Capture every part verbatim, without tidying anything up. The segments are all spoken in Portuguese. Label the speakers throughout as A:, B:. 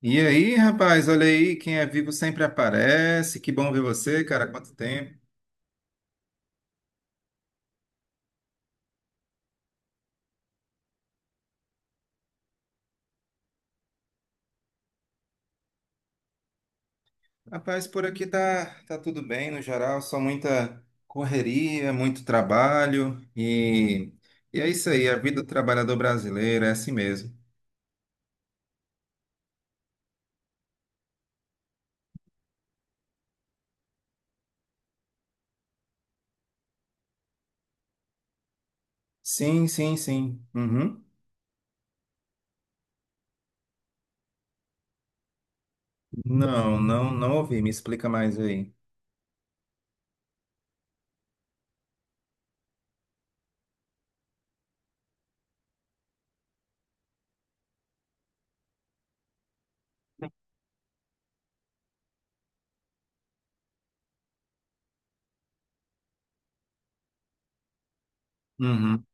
A: E aí, rapaz, olha aí, quem é vivo sempre aparece. Que bom ver você, cara, quanto tempo. Rapaz, por aqui tá, tá tudo bem no geral, só muita correria, muito trabalho e, e é isso aí, a vida do trabalhador brasileiro é assim mesmo. Sim, sim, sim. Uhum. Não, não, não ouvi, me explica mais aí. Uhum.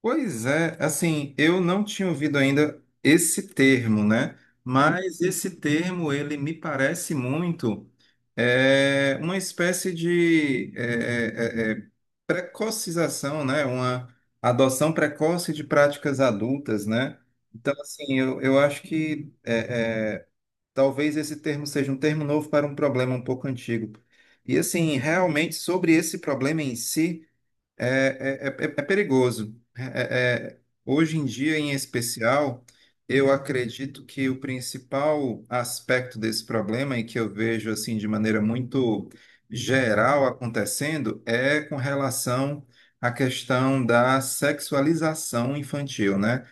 A: Pois é, assim, eu não tinha ouvido ainda esse termo, né? Mas esse termo, ele me parece muito é, uma espécie de é, é, é, precocização, né? Uma adoção precoce de práticas adultas, né? Então, assim, eu, eu acho que é, é, talvez esse termo seja um termo novo para um problema um pouco antigo. E, assim, realmente, sobre esse problema em si. É, é, é, é perigoso. É- é- é- hoje em dia, em especial, eu acredito que o principal aspecto desse problema, e que eu vejo assim de maneira muito geral acontecendo, é com relação à questão da sexualização infantil, né?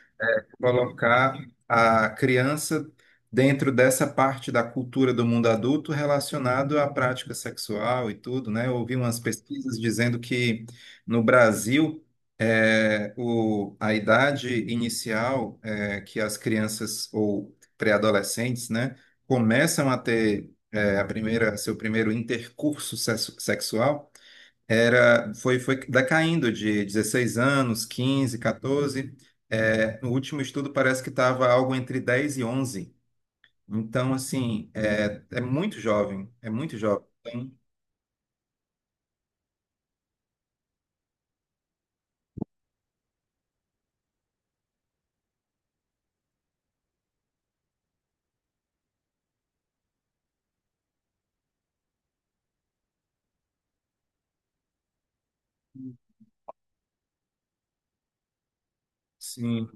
A: Colocar a criança dentro dessa parte da cultura do mundo adulto relacionado à prática sexual e tudo, né? Eu ouvi umas pesquisas dizendo que no Brasil é, o, a idade inicial é, que as crianças ou pré-adolescentes, né, começam a ter é, a primeira, seu primeiro intercurso sexu- sexual... era, foi, foi decaindo de dezesseis anos, quinze, quatorze. É, no último estudo parece que estava algo entre dez e onze. Então, assim, é, é muito jovem, é muito jovem. Então, sim.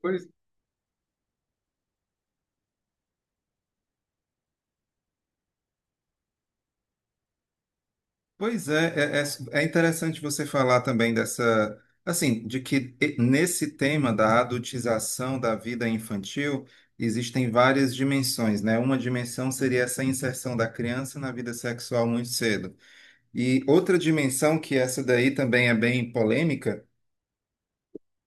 A: Pois, pois é, é, é, é interessante você falar também dessa, assim, de que e- nesse tema da adultização da vida infantil existem várias dimensões, né? Uma dimensão seria essa inserção da criança na vida sexual muito cedo. E outra dimensão, que essa daí também é bem polêmica,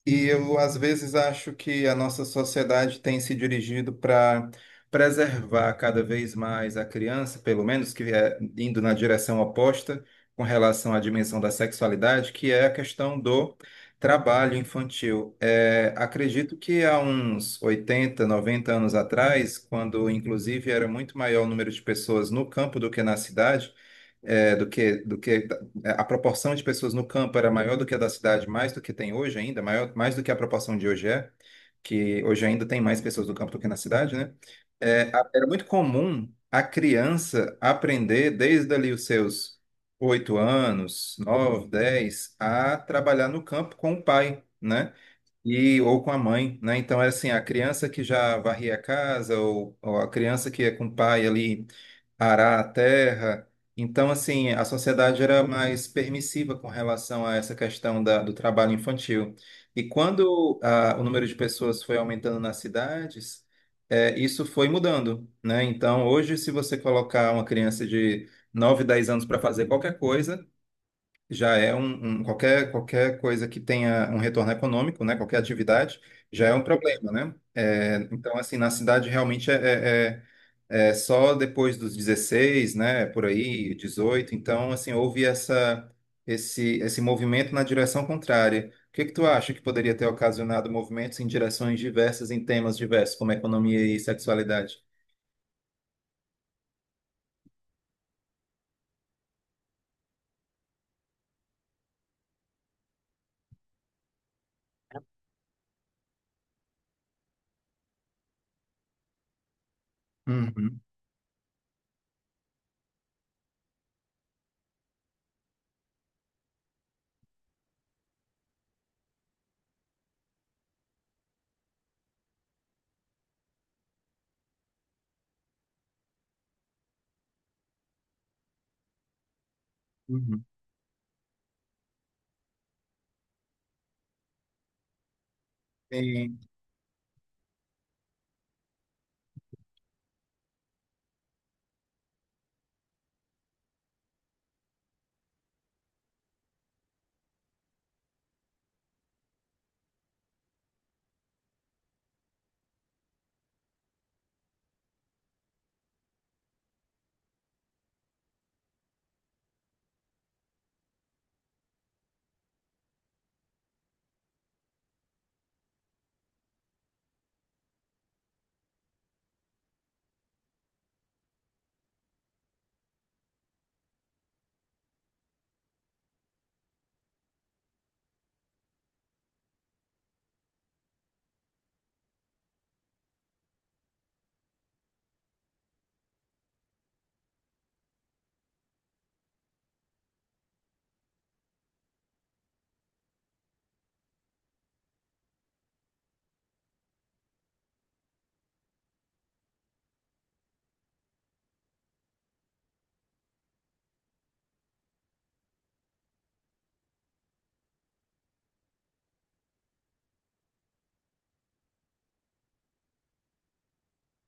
A: e eu às vezes acho que a nossa sociedade tem se dirigido para preservar cada vez mais a criança, pelo menos que é indo na direção oposta com relação à dimensão da sexualidade, que é a questão do trabalho infantil. É, acredito que há uns oitenta, noventa anos atrás, quando inclusive era muito maior o número de pessoas no campo do que na cidade, é, do que, do que é, a proporção de pessoas no campo era maior do que a da cidade, mais do que tem hoje ainda, maior, mais do que a proporção de hoje é, que hoje ainda tem mais pessoas no campo do que na cidade, né? É, a- era muito comum a criança aprender desde ali os seus oito anos, nove, dez, a trabalhar no campo com o pai, né? E, ou com a mãe, né? Então, era assim, a criança que já varria a casa, ou ou a criança que ia com o pai ali arar a terra. Então, assim, a sociedade era mais permissiva com relação a essa questão da, do trabalho infantil. E quando ah, o número de pessoas foi aumentando nas cidades, eh, isso foi mudando, né? Então, hoje, se você colocar uma criança de nove dez anos para fazer qualquer coisa, já é um, um- qualquer, qualquer coisa que tenha um retorno econômico, né? Qualquer atividade já é um problema, né? É, então, assim, na cidade realmente é, é, é é só depois dos dezesseis, né? Por aí, dezoito. Então, assim, houve essa, esse, esse movimento na direção contrária. O que que tu acha que poderia ter ocasionado movimentos em direções diversas, em temas diversos, como economia e sexualidade? Uhum, uhum. Sim.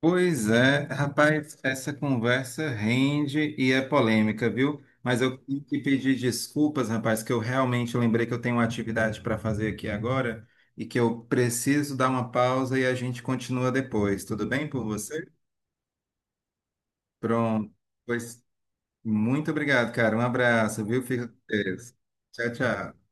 A: Pois é, rapaz, essa conversa rende e é polêmica, viu? Mas eu tenho que pedir desculpas, rapaz, que eu realmente lembrei que eu tenho uma atividade para fazer aqui agora e que eu preciso dar uma pausa e a gente continua depois. Tudo bem por você? Pronto. Pois muito obrigado, cara. Um abraço, viu? Fica com Deus. Tchau, tchau.